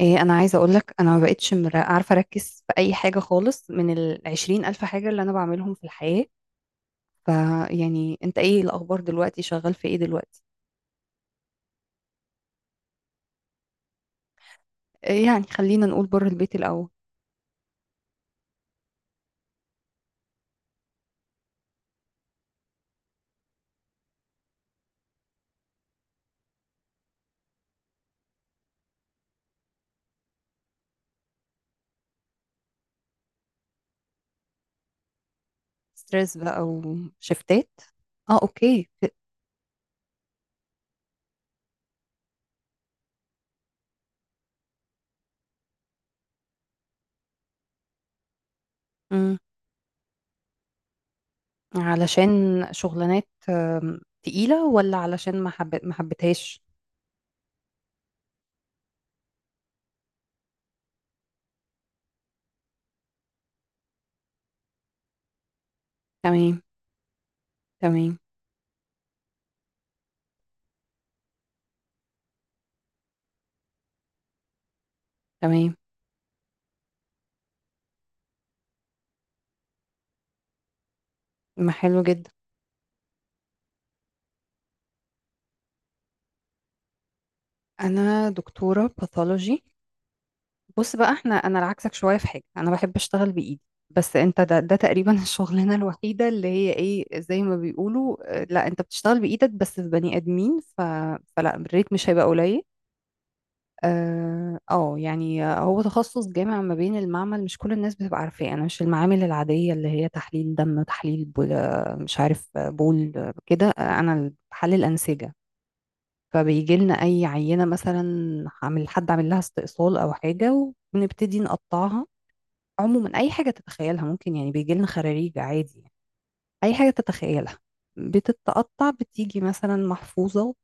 إيه، انا عايزه اقول لك انا ما بقتش عارفه اركز في اي حاجه خالص من 20,000 حاجه اللي انا بعملهم في الحياه. فيعني انت ايه الاخبار دلوقتي؟ شغال في ايه دلوقتي؟ إيه، يعني خلينا نقول بره البيت الاول. ستريس بقى وشفتات. اه، اوكي. مم. علشان شغلانات. تقيله، ولا علشان ما حبيتهاش؟ تمام. تمام. تمام. ما، حلو جدا. انا دكتوره باثولوجي. بص بقى، انا عكسك شويه في حاجه، انا بحب اشتغل بايدي. بس انت ده تقريبا الشغلانه الوحيده اللي هي ايه، زي ما بيقولوا. لا، انت بتشتغل بايدك بس في بني ادمين. فلا، الريت مش هيبقى قليل. اه. هو تخصص جامع ما بين المعمل، مش كل الناس بتبقى عارفاه. انا مش المعامل العاديه اللي هي تحليل دم، تحليل بول، آه، مش عارف آه، بول كده، انا بحلل انسجه. فبيجي لنا اي عينه، مثلا حد عامل لها استئصال او حاجه، وبنبتدي نقطعها. عموما اي حاجه تتخيلها ممكن، يعني بيجي لنا خراريج عادي يعني. اي حاجه تتخيلها بتتقطع، بتيجي مثلا محفوظه،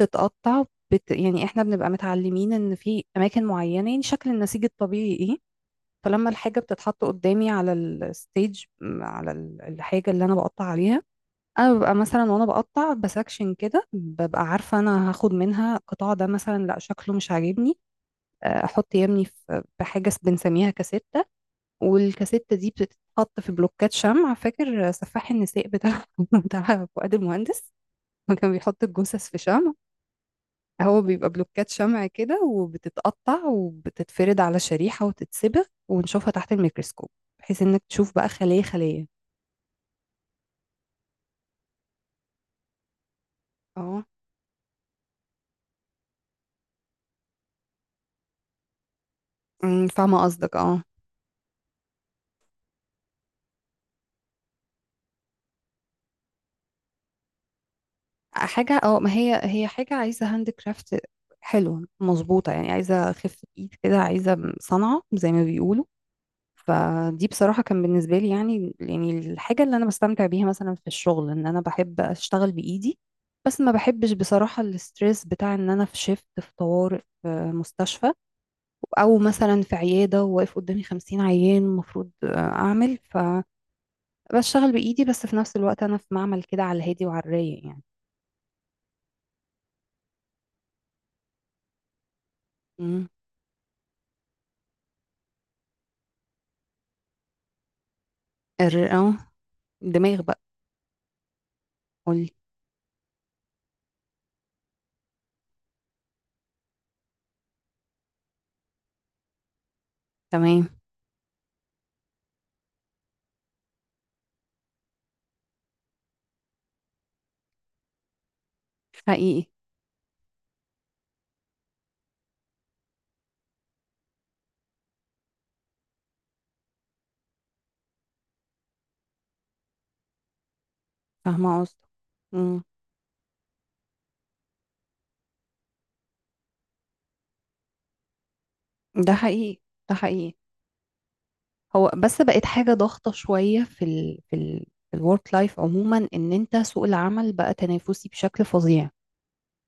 بتتقطع، يعني احنا بنبقى متعلمين ان في اماكن معينه، يعني شكل النسيج الطبيعي ايه. فلما الحاجه بتتحط قدامي على الستيج، على الحاجه اللي انا بقطع عليها، انا ببقى مثلا وانا بقطع بسكشن كده، ببقى عارفه انا هاخد منها القطاع ده. مثلا، لا شكله مش عاجبني، احط يمني في حاجه بنسميها كاسيت. والكاسيتة دي بتتحط في بلوكات شمع. فاكر سفاح النساء بتاع فؤاد المهندس؟ ما كان بيحط الجثث في شمع؟ هو بيبقى بلوكات شمع كده، وبتتقطع وبتتفرد على شريحة وتتسبغ ونشوفها تحت الميكروسكوب، بحيث انك تشوف بقى خلية خلية. اه. فاهمة قصدك، اه. حاجة، اه. ما هي حاجة عايزة هاند كرافت حلوة، مظبوطة، يعني عايزة خفة ايد كده، عايزة صنعة زي ما بيقولوا. فدي بصراحة كان بالنسبة لي يعني الحاجة اللي أنا بستمتع بيها مثلا في الشغل، إن أنا بحب أشتغل بإيدي. بس ما بحبش بصراحة الستريس بتاع إن أنا في شيفت، في طوارئ، في مستشفى، أو مثلا في عيادة وواقف قدامي 50 عيان المفروض أعمل. فبشتغل بإيدي، بس في نفس الوقت أنا في معمل كده على الهادي وعلى الرايق يعني. مم. الر- أه الدماغ بقى. قولي. تمام. حقيقي. فاهمة قصدك. مم. ده حقيقي. ده حقيقي. هو بس بقت حاجة ضغطة شوية في الورك لايف عموما، ان انت سوق العمل بقى تنافسي بشكل فظيع.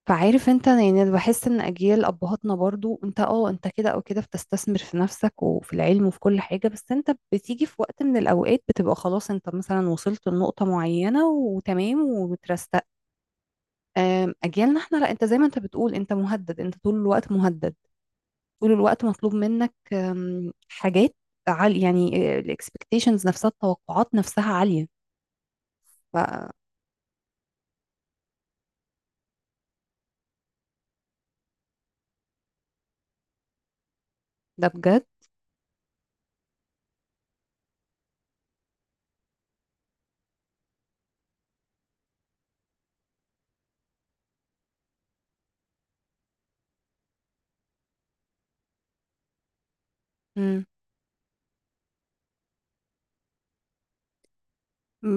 فعارف انت، يعني أنا بحس ان اجيال ابهاتنا برضو انت انت كده او كده بتستثمر في نفسك وفي العلم وفي كل حاجة. بس انت بتيجي في وقت من الاوقات بتبقى خلاص، انت مثلا وصلت لنقطة معينة وتمام وترستق. اجيالنا احنا لا، انت زي ما انت بتقول، انت مهدد، انت طول الوقت مهدد، طول الوقت مطلوب منك حاجات عالية يعني. الاكسبكتيشنز نفسها، التوقعات نفسها عالية. فده بجد. مم.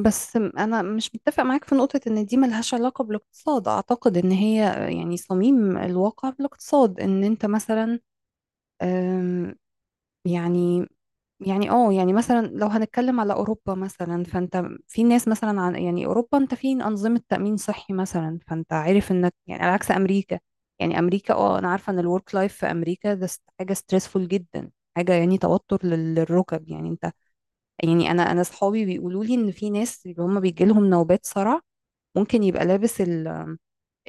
بس انا مش متفق معاك في نقطة ان دي ملهاش علاقة بالاقتصاد. اعتقد ان هي يعني صميم الواقع بالاقتصاد ان انت مثلا، آم، يعني، يعني يعني مثلا لو هنتكلم على اوروبا مثلا، فانت في ناس مثلا، عن يعني اوروبا انت في انظمه تامين صحي مثلا، فانت عارف انك يعني على عكس امريكا. يعني امريكا، انا عارفه ان الورك لايف في امريكا ده حاجه ستريسفول جدا، حاجه يعني توتر للركب، يعني انت، يعني انا اصحابي بيقولوا لي ان في ناس اللي هم بيجي لهم نوبات صرع، ممكن يبقى لابس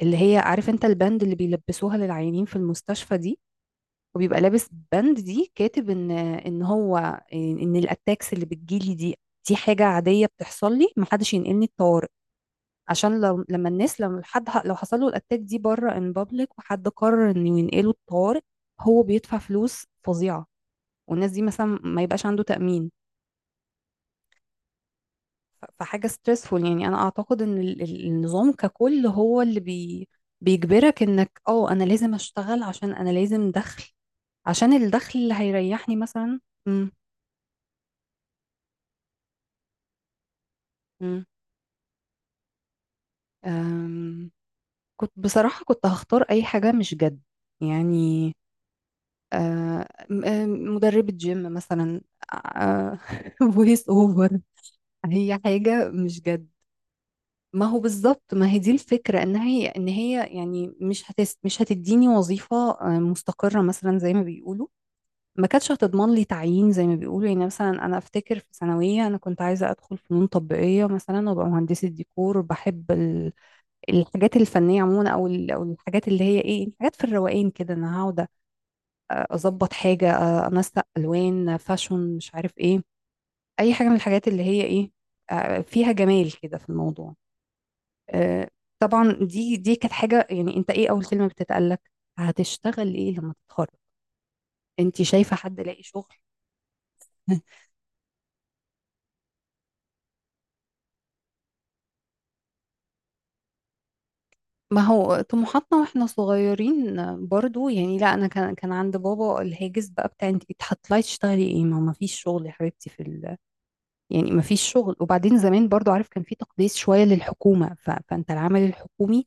اللي هي عارف انت البند اللي بيلبسوها للعيانين في المستشفى دي، وبيبقى لابس بند دي كاتب ان هو، ان الاتاكس اللي بتجيلي دي، دي حاجه عاديه بتحصل لي، محدش ينقلني الطوارئ. عشان لو لما الناس، لما حد لو حصل له الاتاك دي بره ان بابليك، وحد قرر انه ينقله الطوارئ، هو بيدفع فلوس فظيعه، والناس دي مثلا ما يبقاش عنده تامين. فحاجه ستريسفول، يعني انا اعتقد ان النظام ككل هو اللي بي بيجبرك انك انا لازم اشتغل عشان انا لازم دخل، عشان الدخل اللي هيريحني مثلا. مم. أم، كنت بصراحة، كنت هختار أي حاجة مش جد، يعني أه، م- أم، مدربة جيم مثلا، فويس اوفر. هي حاجة مش جد. ما هو بالظبط، ما هي دي الفكرة، ان هي يعني مش هتديني وظيفة مستقرة مثلا زي ما بيقولوا، ما كانتش هتضمن لي تعيين زي ما بيقولوا. يعني مثلا انا افتكر في ثانوية انا كنت عايزة ادخل فنون تطبيقية مثلا وابقى مهندسة ديكور، وبحب الحاجات الفنية عموما، أو الحاجات اللي هي إيه، حاجات في الروقان كده، أنا هقعد أظبط حاجة، أنسق ألوان، فاشون، مش عارف إيه، أي حاجة من الحاجات اللي هي إيه، فيها جمال كده في الموضوع. آه، طبعا دي كانت حاجة. يعني أنت إيه أول كلمة بتتقالك؟ هتشتغل إيه لما تتخرج؟ أنت شايفة حد لاقي شغل؟ ما هو طموحاتنا واحنا صغيرين برضو، يعني، لا انا كان عند بابا الهاجس بقى بتاع انت هتطلعي تشتغلي ايه، ما فيش شغل يا حبيبتي، في يعني ما فيش شغل. وبعدين زمان برضو عارف، كان في تقديس شوية للحكومة. فانت العمل الحكومي،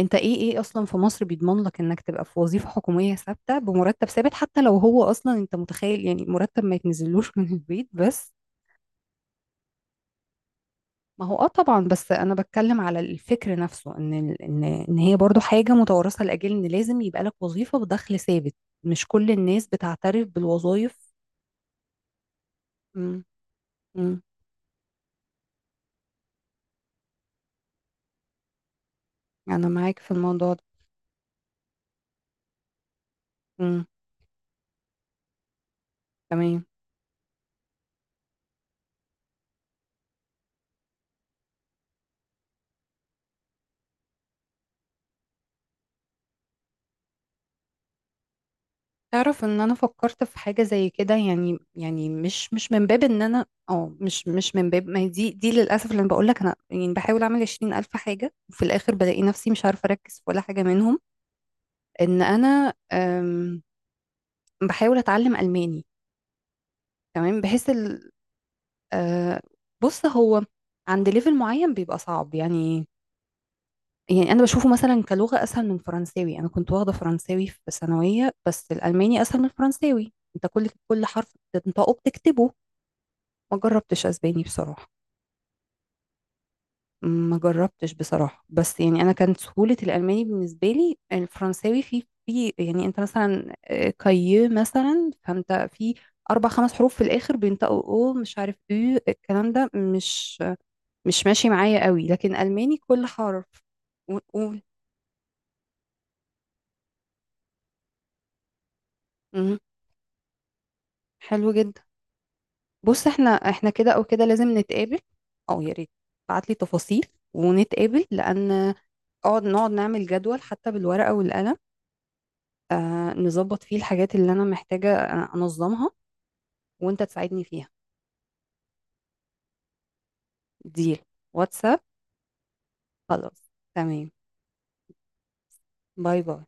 انت ايه اصلا في مصر بيضمن لك انك تبقى في وظيفة حكومية ثابتة بمرتب ثابت؟ حتى لو هو اصلا، انت متخيل يعني مرتب ما يتنزلوش من البيت بس. ما هو، طبعا، بس انا بتكلم على الفكر نفسه ان ان هي برضو حاجة متوارثة، لاجل ان لازم يبقى لك وظيفة بدخل ثابت. مش كل الناس بتعترف بالوظائف. امم. امم. انا معاك في الموضوع ده. امم. تمام. تعرف ان انا فكرت في حاجه زي كده، يعني مش من باب ان انا اه مش مش من باب، ما هي دي للاسف اللي انا بقول لك، انا يعني بحاول اعمل 20,000 حاجه وفي الاخر بلاقي نفسي مش عارفه اركز في ولا حاجه منهم. ان انا بحاول اتعلم الماني، تمام، بحيث ال... آه، بص، هو عند ليفل معين بيبقى صعب يعني. يعني انا بشوفه مثلا كلغه اسهل من فرنساوي. انا كنت واخده فرنساوي في ثانويه، بس الالماني اسهل من الفرنساوي، انت كل حرف بتنطقه بتكتبه. ما جربتش اسباني بصراحة. ما جربتش بصراحة، بس يعني انا كانت سهولة الالماني بالنسبة لي، الفرنساوي في يعني انت مثلا، كاي مثلا فانت في اربع خمس حروف في الاخر بينطقوا، او مش عارف، او الكلام ده مش ماشي معايا قوي، لكن الماني كل حرف ونقول. مم، حلو جدا. بص، احنا كده او كده لازم نتقابل، او يا ريت تبعت لي تفاصيل ونتقابل، لان نقعد نعمل جدول حتى بالورقة والقلم، نظبط فيه الحاجات اللي أنا محتاجة أنظمها، وأنت تساعدني فيها. ديل. واتساب. خلاص، تمام. باي باي.